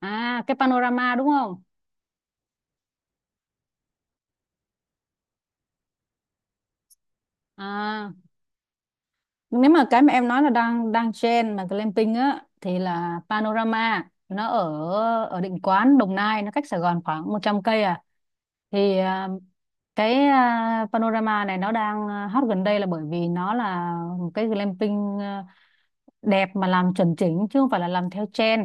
À, cái panorama đúng không? À, nếu mà cái mà em nói là đang đang trend mà glamping á thì là panorama nó ở ở Định Quán Đồng Nai, nó cách Sài Gòn khoảng 100 cây à. Thì à, cái à, Panorama này nó đang hot gần đây là bởi vì nó là một cái glamping đẹp mà làm chuẩn chỉnh, chứ không phải là làm theo trend.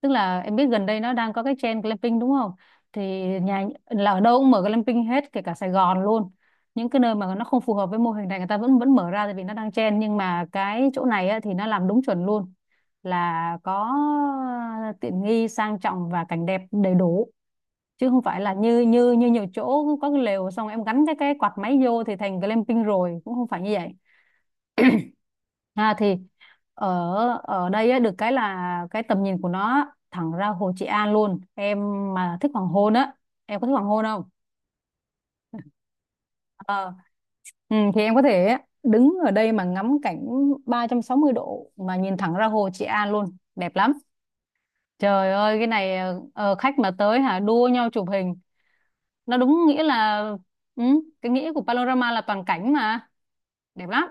Tức là em biết gần đây nó đang có cái trend glamping đúng không, thì nhà là ở đâu cũng mở glamping hết, kể cả Sài Gòn luôn. Những cái nơi mà nó không phù hợp với mô hình này người ta vẫn vẫn mở ra tại vì nó đang trend, nhưng mà cái chỗ này á, thì nó làm đúng chuẩn luôn, là có tiện nghi sang trọng và cảnh đẹp đầy đủ, chứ không phải là như như như nhiều chỗ có cái lều xong em gắn cái quạt máy vô thì thành glamping rồi, cũng không phải như vậy. Ha, thì ở ở đây á, được cái là cái tầm nhìn của nó thẳng ra Hồ Trị An luôn em, mà thích hoàng hôn á, em có thích hoàng hôn không? Ờ, thì em có thể đứng ở đây mà ngắm cảnh 360 độ mà nhìn thẳng ra Hồ Trị An luôn, đẹp lắm. Trời ơi cái này khách mà tới hả, đua nhau chụp hình, nó đúng nghĩa là, ừ, cái nghĩa của panorama là toàn cảnh mà, đẹp lắm.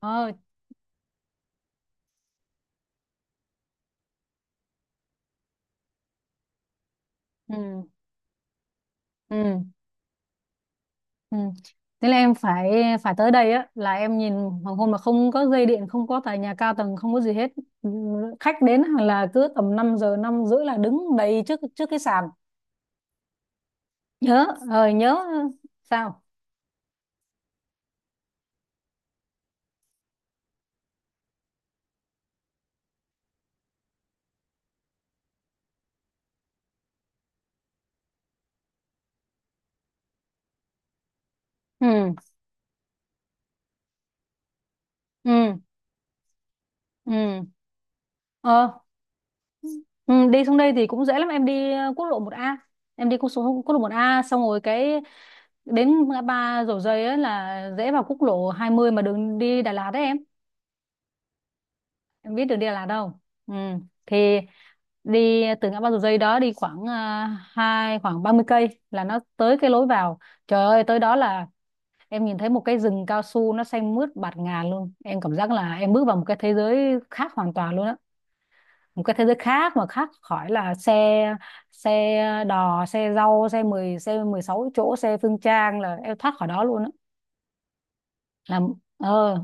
ờ ừ, ừ. Ừ. Thế là em phải phải tới đây á, là em nhìn hoàng hôn mà không có dây điện, không có tòa nhà cao tầng, không có gì hết. Ừ, khách đến là cứ tầm 5 giờ 5 rưỡi là đứng đầy trước trước cái sàn. Nhớ, nhớ sao? Ừ, ừ, ừ. Ờ, ừ, đi xuống đây thì cũng dễ lắm, em đi quốc lộ một A. Em đi quốc lộ một A xong rồi cái đến ngã ba Dầu Giây á là dễ vào quốc lộ hai mươi, mà đường đi Đà Lạt đấy em. Em biết được Đà Lạt không? Ừ. Thì đi từ ngã ba Dầu Giây đó đi khoảng à, hai khoảng 30 cây là nó tới cái lối vào. Trời ơi tới đó là em nhìn thấy một cái rừng cao su nó xanh mướt bạt ngàn luôn, em cảm giác là em bước vào một cái thế giới khác hoàn toàn luôn á, một cái thế giới khác mà khác khỏi là xe, xe đò, xe rau, xe mười, xe 16 chỗ, xe phương trang, là em thoát khỏi đó luôn á. Là ờ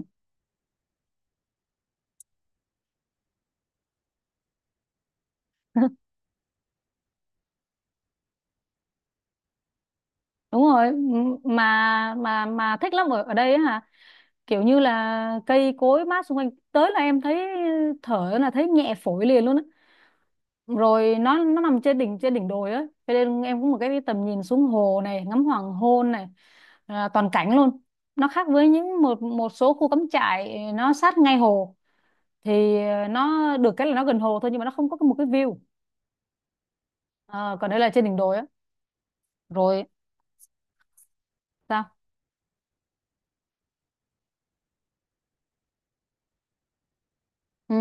đúng rồi, mà thích lắm ở ở đây á, kiểu như là cây cối mát xung quanh tới là em thấy thở là thấy nhẹ phổi liền luôn á. Rồi nó nằm trên đỉnh, trên đỉnh đồi á, cho nên em có một cái tầm nhìn xuống hồ này, ngắm hoàng hôn này, là toàn cảnh luôn. Nó khác với những một một số khu cắm trại nó sát ngay hồ, thì nó được cái là nó gần hồ thôi, nhưng mà nó không có một cái view. Ờ, còn đây là trên đỉnh đồi á. Rồi sao? ừ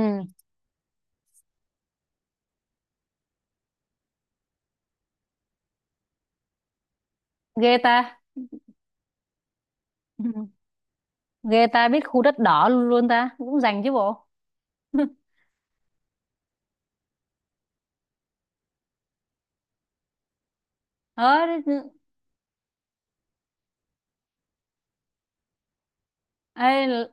ghê ta. Ừ, ghê ta biết khu đất đỏ luôn, ta cũng dành chứ bộ. ờ ê,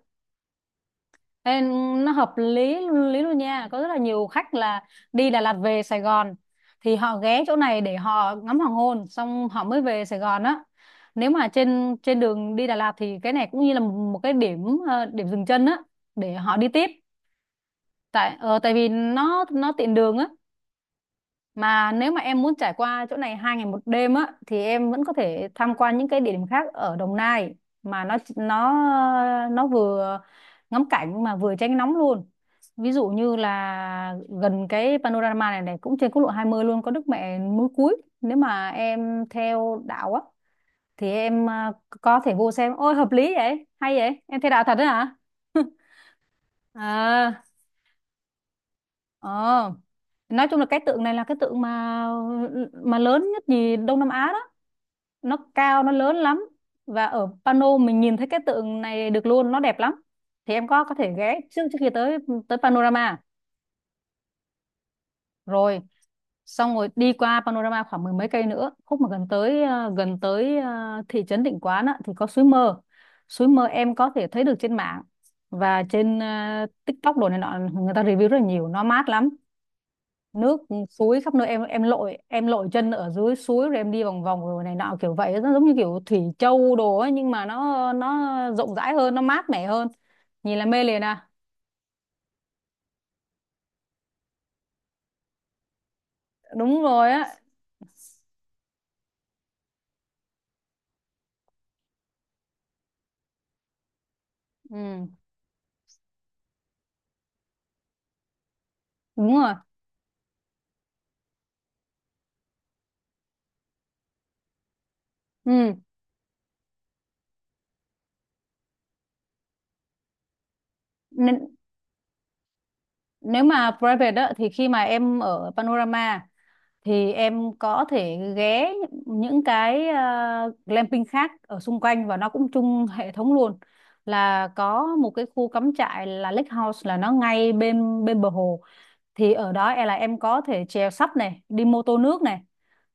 Ê, nó hợp lý lý luôn nha, có rất là nhiều khách là đi Đà Lạt về Sài Gòn thì họ ghé chỗ này để họ ngắm hoàng hôn xong họ mới về Sài Gòn á. Nếu mà trên trên đường đi Đà Lạt thì cái này cũng như là một cái điểm điểm dừng chân á, để họ đi tiếp. Tại vì nó tiện đường á. Mà nếu mà em muốn trải qua chỗ này hai ngày một đêm á thì em vẫn có thể tham quan những cái địa điểm khác ở Đồng Nai, mà nó vừa ngắm cảnh mà vừa tránh nóng luôn. Ví dụ như là gần cái panorama này này cũng trên quốc lộ 20 luôn, có Đức Mẹ núi Cúi. Nếu mà em theo đạo á thì em có thể vô xem. Ôi hợp lý vậy, hay vậy. Em theo đạo thật đấy hả? À, ờ. Nói chung là cái tượng này là cái tượng mà lớn nhất gì Đông Nam Á đó, nó cao nó lớn lắm, và ở Pano mình nhìn thấy cái tượng này được luôn, nó đẹp lắm. Thì em có thể ghé trước trước khi tới tới Panorama rồi, xong rồi đi qua Panorama khoảng mười mấy cây nữa, khúc mà gần tới thị trấn Định Quán á, thì có suối mơ. Suối mơ em có thể thấy được trên mạng và trên TikTok đồ này nọ, người ta review rất là nhiều, nó mát lắm, nước suối khắp nơi, em lội, lội chân ở dưới suối rồi em đi vòng vòng rồi này nọ kiểu vậy, nó giống như kiểu Thủy Châu đồ ấy, nhưng mà nó rộng rãi hơn, nó mát mẻ hơn, nhìn là mê liền à. Đúng rồi á. Ừ đúng rồi ừ Nên, nếu mà private á thì khi mà em ở Panorama thì em có thể ghé những cái glamping khác ở xung quanh, và nó cũng chung hệ thống luôn, là có một cái khu cắm trại là Lake House, là nó ngay bên bên bờ hồ. Thì ở đó em là em có thể chèo sắp này, đi mô tô nước này,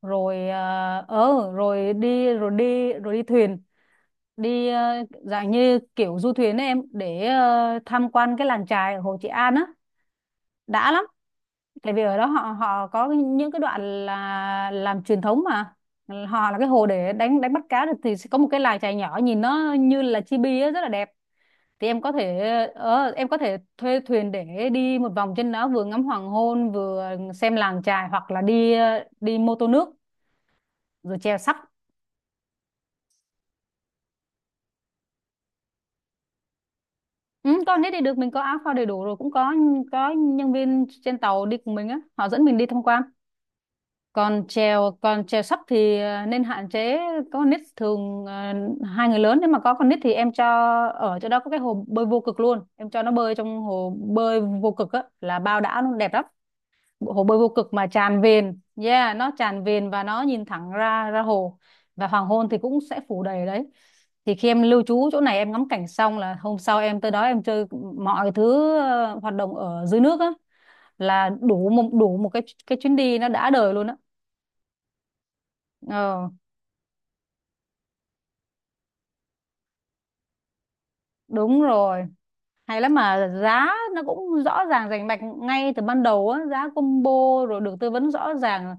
rồi rồi đi thuyền, đi dạng như kiểu du thuyền ấy em, để tham quan cái làng chài ở Hồ Trị An á, đã lắm. Tại vì ở đó họ họ có những cái đoạn là làm truyền thống mà, họ là cái hồ để đánh đánh bắt cá được, thì sẽ có một cái làng chài nhỏ nhìn nó như là chibi á, rất là đẹp. Thì em có thể em có thể thuê thuyền để đi một vòng trên đó, vừa ngắm hoàng hôn vừa xem làng chài, hoặc là đi đi mô tô nước rồi chèo sắp. Ừ, con hết đi được, mình có áo phao đầy đủ rồi, cũng có nhân viên trên tàu đi cùng mình á, họ dẫn mình đi tham quan. Còn chèo sắp thì nên hạn chế có con nít, thường hai người lớn. Nếu mà có con nít thì em cho, ở chỗ đó có cái hồ bơi vô cực luôn, em cho nó bơi trong hồ bơi vô cực á là bao đã luôn, đẹp lắm. Hồ bơi vô cực mà tràn vền, yeah, nó tràn vền và nó nhìn thẳng ra ra hồ, và hoàng hôn thì cũng sẽ phủ đầy ở đấy. Thì khi em lưu trú chỗ này em ngắm cảnh xong là hôm sau em tới đó em chơi mọi thứ, hoạt động ở dưới nước á, là đủ một cái chuyến đi nó đã đời luôn á. ờ Đúng rồi, hay lắm, mà giá nó cũng rõ ràng rành mạch ngay từ ban đầu á, giá combo, rồi được tư vấn rõ ràng,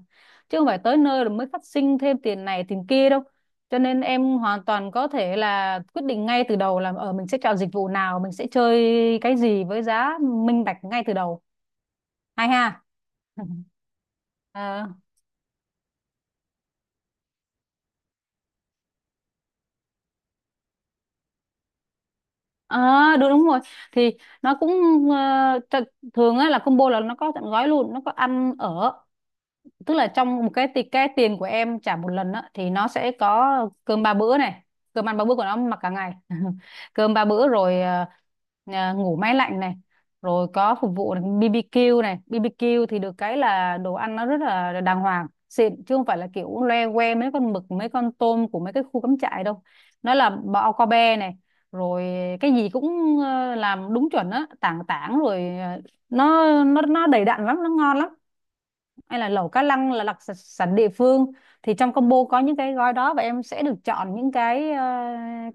chứ không phải tới nơi rồi mới phát sinh thêm tiền này tiền kia đâu, cho nên em hoàn toàn có thể là quyết định ngay từ đầu là ở mình sẽ chọn dịch vụ nào, mình sẽ chơi cái gì, với giá minh bạch ngay từ đầu. Hay ha. Ờ à, đúng đúng rồi, thì nó cũng ờ, th- thường á là combo là nó có tận gói luôn, nó có ăn ở, tức là trong một cái cái tiền của em trả một lần á thì nó sẽ có cơm ba bữa này, cơm ăn ba bữa của nó mặc cả ngày cơm ba bữa rồi, ngủ máy lạnh này, rồi có phục vụ này, BBQ này. BBQ thì được cái là đồ ăn nó rất là đàng hoàng xịn, chứ không phải là kiểu loe que mấy con mực mấy con tôm của mấy cái khu cắm trại đâu, nó là bao cao be này. Rồi cái gì cũng làm đúng chuẩn á, tảng tảng rồi nó đầy đặn lắm, nó ngon lắm, hay là lẩu cá lăng là đặc sản địa phương. Thì trong combo có những cái gói đó, và em sẽ được chọn những cái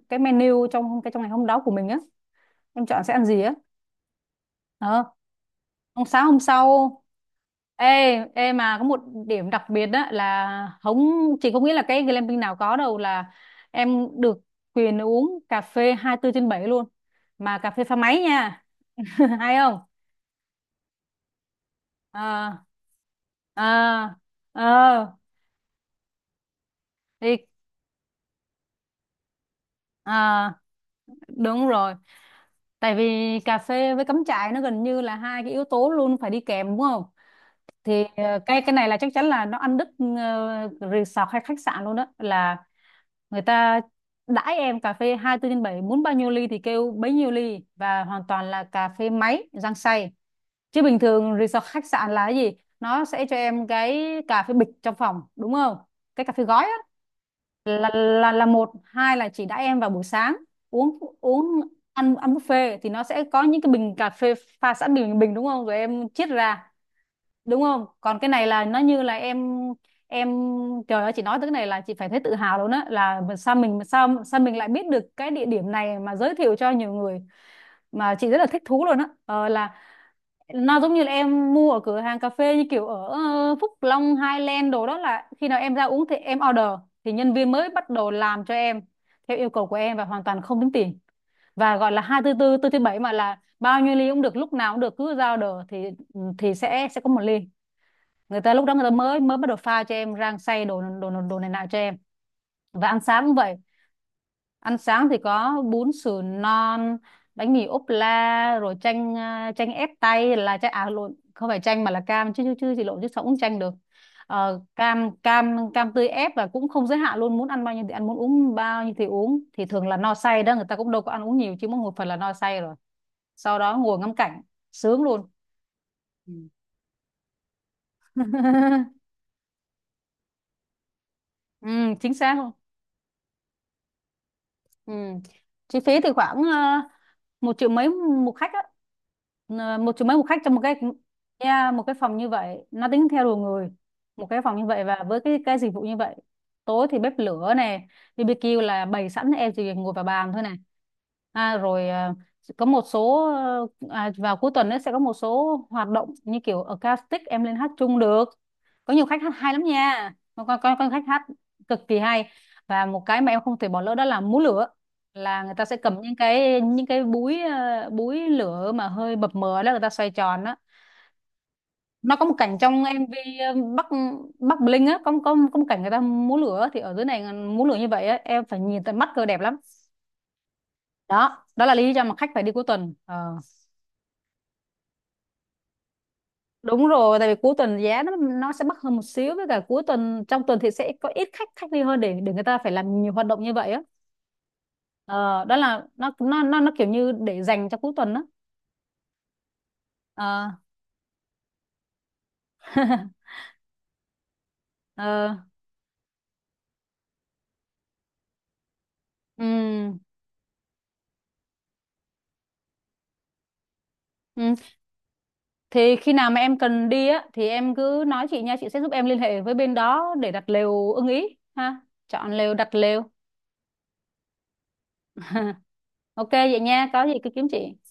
cái menu trong cái trong ngày hôm đó của mình á, em chọn sẽ ăn gì á. ờ Hôm sáng hôm sau, ê ê mà có một điểm đặc biệt đó là không chỉ có nghĩa là cái glamping nào có đâu là em được quyền uống cà phê 24/7 luôn, mà cà phê pha máy nha. Hay không? Ờ, ờ, ờ, thì ờ, đúng rồi. Tại vì cà phê với cắm trại nó gần như là hai cái yếu tố luôn phải đi kèm đúng không? Thì cái này là chắc chắn là nó ăn đứt resort hay khách sạn luôn, đó là người ta đãi em cà phê 24/7, muốn bao nhiêu ly thì kêu bấy nhiêu ly, và hoàn toàn là cà phê máy rang xay. Chứ bình thường resort khách sạn là cái gì? Nó sẽ cho em cái cà phê bịch trong phòng đúng không? Cái cà phê gói á, là một hai là chỉ đãi em vào buổi sáng, uống uống ăn ăn buffet thì nó sẽ có những cái bình cà phê pha sẵn, bình bình đúng không, rồi em chiết ra đúng không. Còn cái này là nó như là em trời ơi, chị nói tới cái này là chị phải thấy tự hào luôn á, là mà sao mình sao sao mình lại biết được cái địa điểm này mà giới thiệu cho nhiều người, mà chị rất là thích thú luôn á. Ờ, là nó giống như là em mua ở cửa hàng cà phê, như kiểu ở Phúc Long, Highland đồ đó, là khi nào em ra uống thì em order, thì nhân viên mới bắt đầu làm cho em theo yêu cầu của em và hoàn toàn không tính tiền. Và gọi là 244 tư tư tư thứ bảy, mà là bao nhiêu ly cũng được, lúc nào cũng được, cứ ra order thì ừ, thì sẽ có một ly, người ta lúc đó người ta mới mới bắt đầu pha cho em rang xay đồ đồ đồ này nọ cho em. Và ăn sáng cũng vậy. Ăn sáng thì có bún sườn non, bánh mì ốp la, rồi chanh à, chanh ép tay là chanh, à lộn, không phải chanh mà là cam, chứ chứ chứ gì lộn chứ sao cũng chanh được. Ờ, cam cam cam tươi ép, và cũng không giới hạn luôn, muốn ăn bao nhiêu thì ăn, muốn uống bao nhiêu thì uống, thì thường là no say đó, người ta cũng đâu có ăn uống nhiều chứ, mỗi một phần là no say rồi, sau đó ngồi ngắm cảnh, sướng luôn. Ừ. Ừ, chính xác. Ừ. Chi phí thì khoảng một triệu mấy một khách á. Ờ, một triệu mấy một khách, trong một cái, yeah, một cái phòng như vậy, nó tính theo đầu người. Một cái phòng như vậy và với cái dịch vụ như vậy, tối thì bếp lửa này, BBQ là bày sẵn, em chỉ việc ngồi vào bàn thôi này. À, rồi có một số vào cuối tuần ấy, sẽ có một số hoạt động như kiểu acoustic, em lên hát chung được. Có nhiều khách hát hay lắm nha, có có khách hát cực kỳ hay. Và một cái mà em không thể bỏ lỡ đó là múa lửa. Là người ta sẽ cầm những cái búi búi lửa mà hơi mập mờ đó, người ta xoay tròn đó. Nó có một cảnh trong MV Bắc Bắc Bling á, có có một cảnh người ta múa lửa, thì ở dưới này múa lửa như vậy á, em phải nhìn tận mắt cơ, đẹp lắm. Đó, đó là lý do mà khách phải đi cuối tuần. Ờ. Đúng rồi, tại vì cuối tuần giá nó sẽ mắc hơn một xíu, với cả cuối tuần trong tuần thì sẽ có ít khách, khách đi hơn, để người ta phải làm nhiều hoạt động như vậy á. Ờ, đó là nó kiểu như để dành cho cuối tuần đó. Ờ. Ờ. Ừ. Ừ. Thì khi nào mà em cần đi á thì em cứ nói chị nha, chị sẽ giúp em liên hệ với bên đó để đặt lều ưng ý ha. Chọn lều, đặt lều. OK vậy nha, có gì cứ kiếm chị.